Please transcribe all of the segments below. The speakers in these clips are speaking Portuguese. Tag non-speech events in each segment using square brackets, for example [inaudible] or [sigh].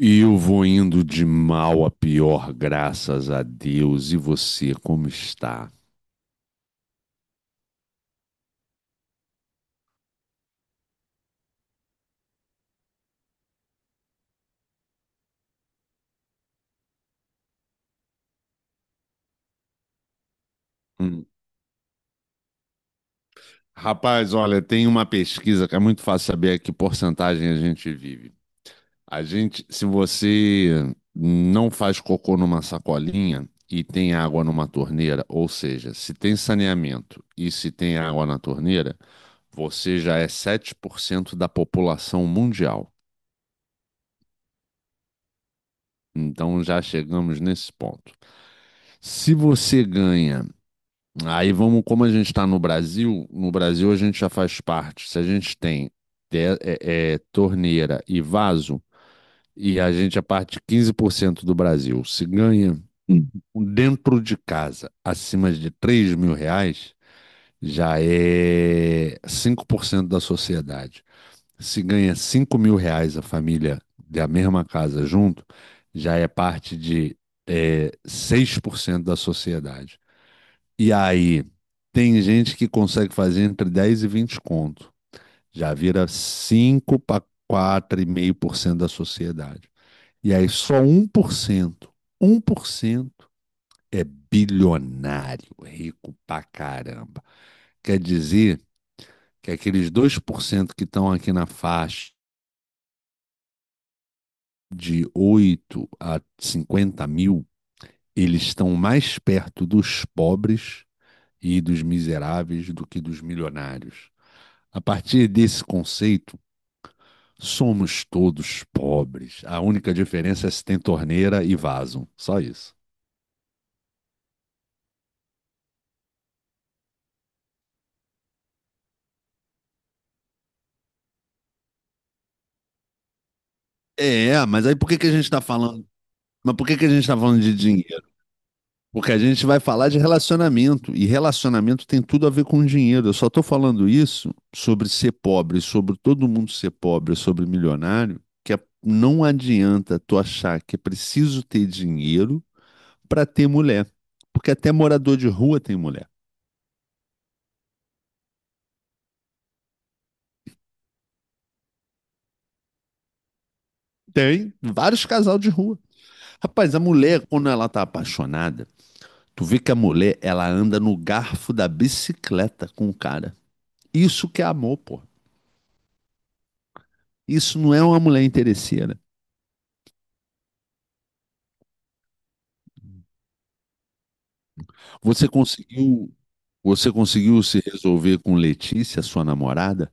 E eu vou indo de mal a pior, graças a Deus. E você, como está? Hum. Rapaz, olha, tem uma pesquisa que é muito fácil saber que porcentagem a gente vive. Se você não faz cocô numa sacolinha e tem água numa torneira, ou seja, se tem saneamento e se tem água na torneira, você já é 7% da população mundial. Então já chegamos nesse ponto. Se você ganha Aí vamos, como a gente está no Brasil, no Brasil a gente já faz parte. Se a gente tem torneira e vaso, e a gente é parte de 15% do Brasil, se ganha Hum. dentro de casa acima de R$ 3.000, já é 5% da sociedade. Se ganha R$ 5.000 a família da mesma casa junto, já é parte de 6% da sociedade. E aí, tem gente que consegue fazer entre 10 e 20 conto. Já vira 5 para 4,5% da sociedade. E aí, só um por cento, 1% é bilionário, rico pra caramba. Quer dizer que aqueles 2% que estão aqui na faixa de 8 a 50 mil, eles estão mais perto dos pobres e dos miseráveis do que dos milionários. A partir desse conceito, somos todos pobres. A única diferença é se tem torneira e vaso. Só isso. É, mas aí por que que a gente está falando? Mas por que que a gente está falando de dinheiro? Porque a gente vai falar de relacionamento e relacionamento tem tudo a ver com dinheiro. Eu só estou falando isso sobre ser pobre, sobre todo mundo ser pobre, sobre milionário, não adianta tu achar que é preciso ter dinheiro para ter mulher, porque até morador de rua tem mulher. Tem vários casal de rua. Rapaz, a mulher, quando ela tá apaixonada, tu vê que a mulher, ela anda no garfo da bicicleta com o cara. Isso que é amor, pô. Isso não é uma mulher interesseira. Você conseguiu, você conseguiu se resolver com Letícia, sua namorada?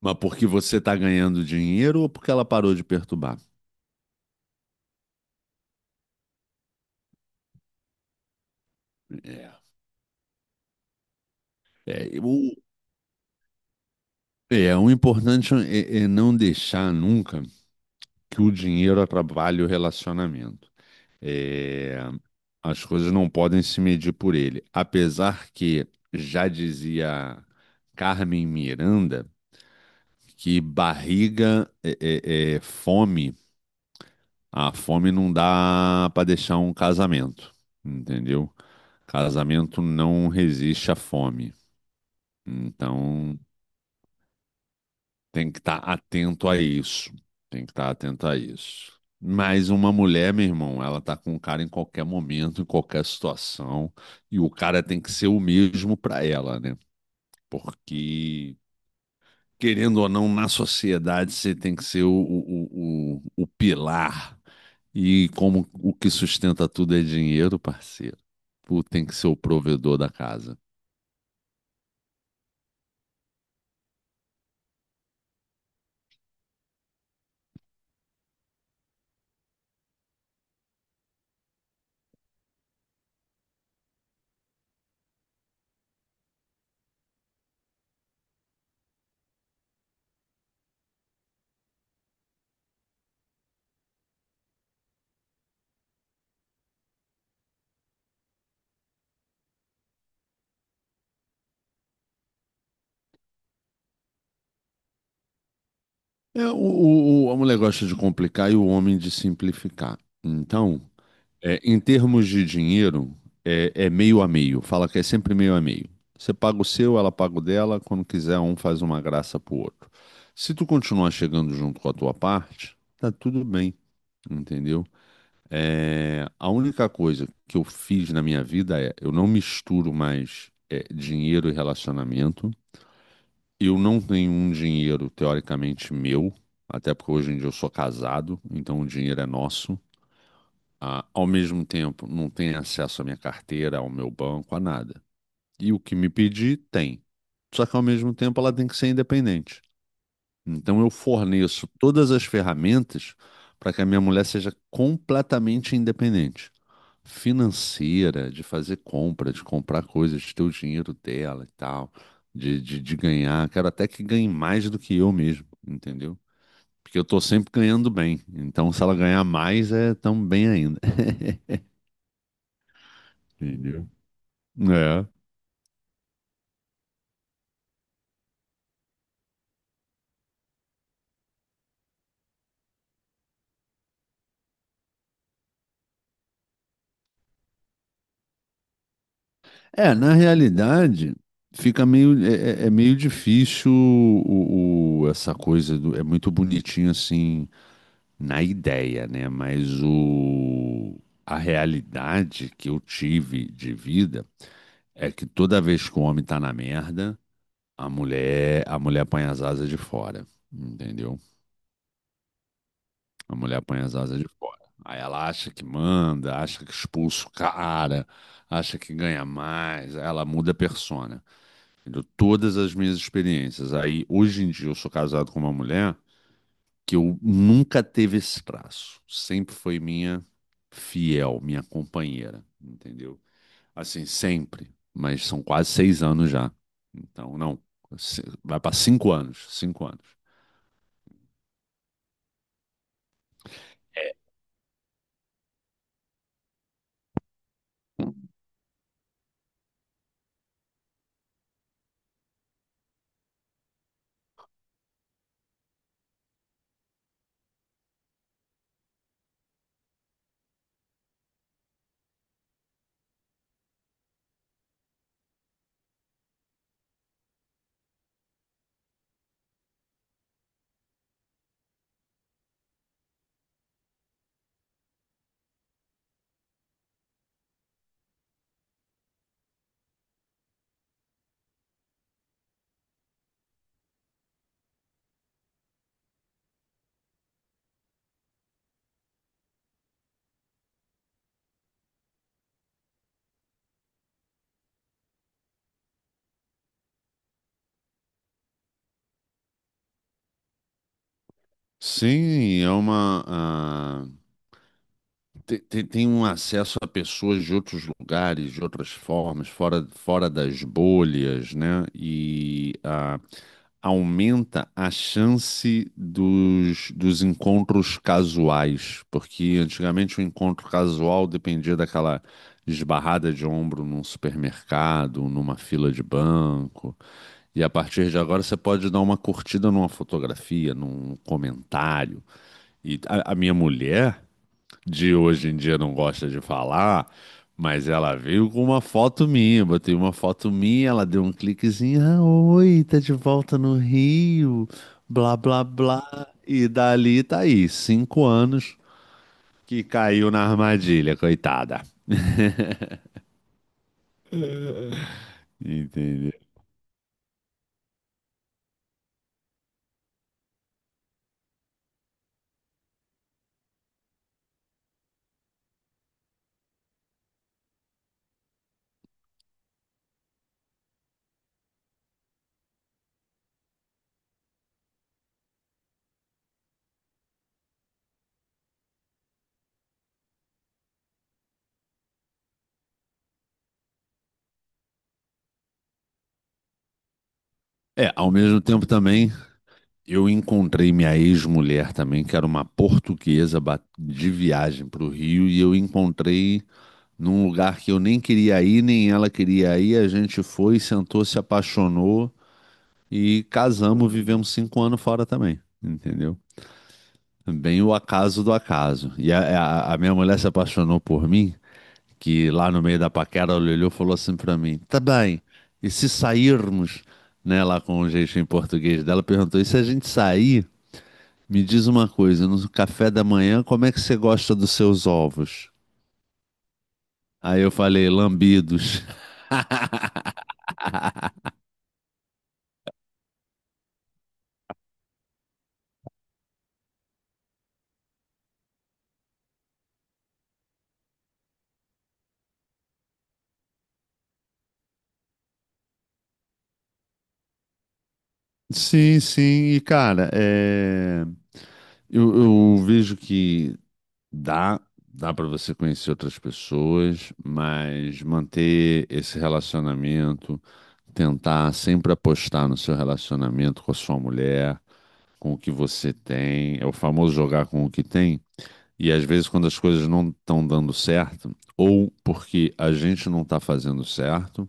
Mas porque você tá ganhando dinheiro ou porque ela parou de perturbar? É, é, o, o importante é não deixar nunca que o dinheiro atrapalhe o relacionamento. É, As coisas não podem se medir por ele. Apesar que já dizia Carmen Miranda que barriga é fome. A fome não dá para deixar um casamento, entendeu? Casamento não resiste à fome. Então, tem que estar atento a isso. Tem que estar atento a isso. Mas uma mulher, meu irmão, ela tá com um cara em qualquer momento, em qualquer situação, e o cara tem que ser o mesmo pra ela, né? Porque, querendo ou não, na sociedade você tem que ser o pilar. E como o que sustenta tudo é dinheiro, parceiro, tu tem que ser o provedor da casa. A mulher gosta de complicar e o homem de simplificar. Então, em termos de dinheiro, é meio a meio. Fala que é sempre meio a meio. Você paga o seu, ela paga o dela. Quando quiser, um faz uma graça pro outro. Se tu continuar chegando junto com a tua parte, tá tudo bem, entendeu? A única coisa que eu fiz na minha vida é eu não misturo mais dinheiro e relacionamento. Eu não tenho um dinheiro teoricamente meu, até porque hoje em dia eu sou casado, então o dinheiro é nosso. Ah, ao mesmo tempo, não tem acesso à minha carteira, ao meu banco, a nada. E o que me pedir, tem. Só que ao mesmo tempo ela tem que ser independente. Então eu forneço todas as ferramentas para que a minha mulher seja completamente independente. Financeira, de fazer compra, de comprar coisas, de ter o dinheiro dela e tal, de ganhar. Quero até que ganhe mais do que eu mesmo, entendeu? Porque eu tô sempre ganhando bem. Então, se ela ganhar mais, é tão bem ainda. [laughs] Entendeu? É. É, na realidade, fica meio, meio difícil essa coisa do, é muito bonitinho assim na ideia, né? Mas a realidade que eu tive de vida é que toda vez que o homem tá na merda, a mulher põe as asas de fora, entendeu? A mulher põe as asas de fora. Aí ela acha que manda, acha que expulsa o cara, acha que ganha mais, aí ela muda a persona. Entendeu? Todas as minhas experiências. Aí, hoje em dia, eu sou casado com uma mulher que eu nunca teve esse traço. Sempre foi minha fiel, minha companheira, entendeu? Assim, sempre. Mas são quase 6 anos já. Então, não. Vai para 5 anos. 5 anos. É. Sim, é uma. Ah, Tem, tem- tem um acesso a pessoas de outros lugares, de outras formas, fora das bolhas, né? E aumenta a chance dos encontros casuais, porque antigamente o encontro casual dependia daquela esbarrada de ombro num supermercado, numa fila de banco. E a partir de agora você pode dar uma curtida numa fotografia, num comentário. E a minha mulher de hoje em dia não gosta de falar, mas ela veio com uma foto minha. Botei uma foto minha, ela deu um cliquezinho. Ah, oi, tá de volta no Rio, blá, blá, blá. E dali tá aí, 5 anos que caiu na armadilha, coitada. Entendeu? É, ao mesmo tempo também, eu encontrei minha ex-mulher também, que era uma portuguesa de viagem para o Rio, e eu encontrei num lugar que eu nem queria ir, nem ela queria ir. A gente foi, sentou, se apaixonou e casamos, vivemos 5 anos fora também, entendeu? Bem o acaso do acaso. E a minha mulher se apaixonou por mim, que lá no meio da paquera ela olhou e falou assim pra mim: tá bem, e se sairmos, né, lá com o jeitinho português dela, perguntou: e se a gente sair? Me diz uma coisa, no café da manhã, como é que você gosta dos seus ovos? Aí eu falei, lambidos. Sim, sim. E, cara, eu, eu vejo que dá, dá para você conhecer outras pessoas, mas manter esse relacionamento, tentar sempre apostar no seu relacionamento com a sua mulher, com o que você tem, é o famoso jogar com o que tem. E às vezes, quando as coisas não estão dando certo, ou porque a gente não está fazendo certo.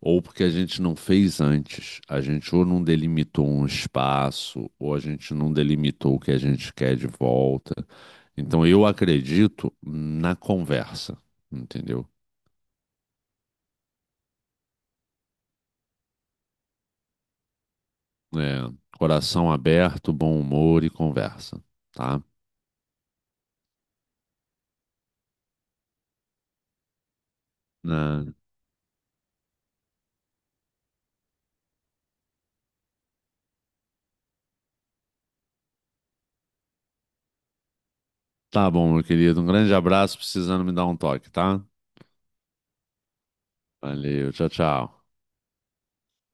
Ou porque a gente não fez antes. A gente ou não delimitou um espaço, ou a gente não delimitou o que a gente quer de volta. Então eu acredito na conversa, entendeu? É, coração aberto, bom humor e conversa, tá? É, tá bom, meu querido. Um grande abraço, precisando me dar um toque, tá? Valeu, tchau, tchau.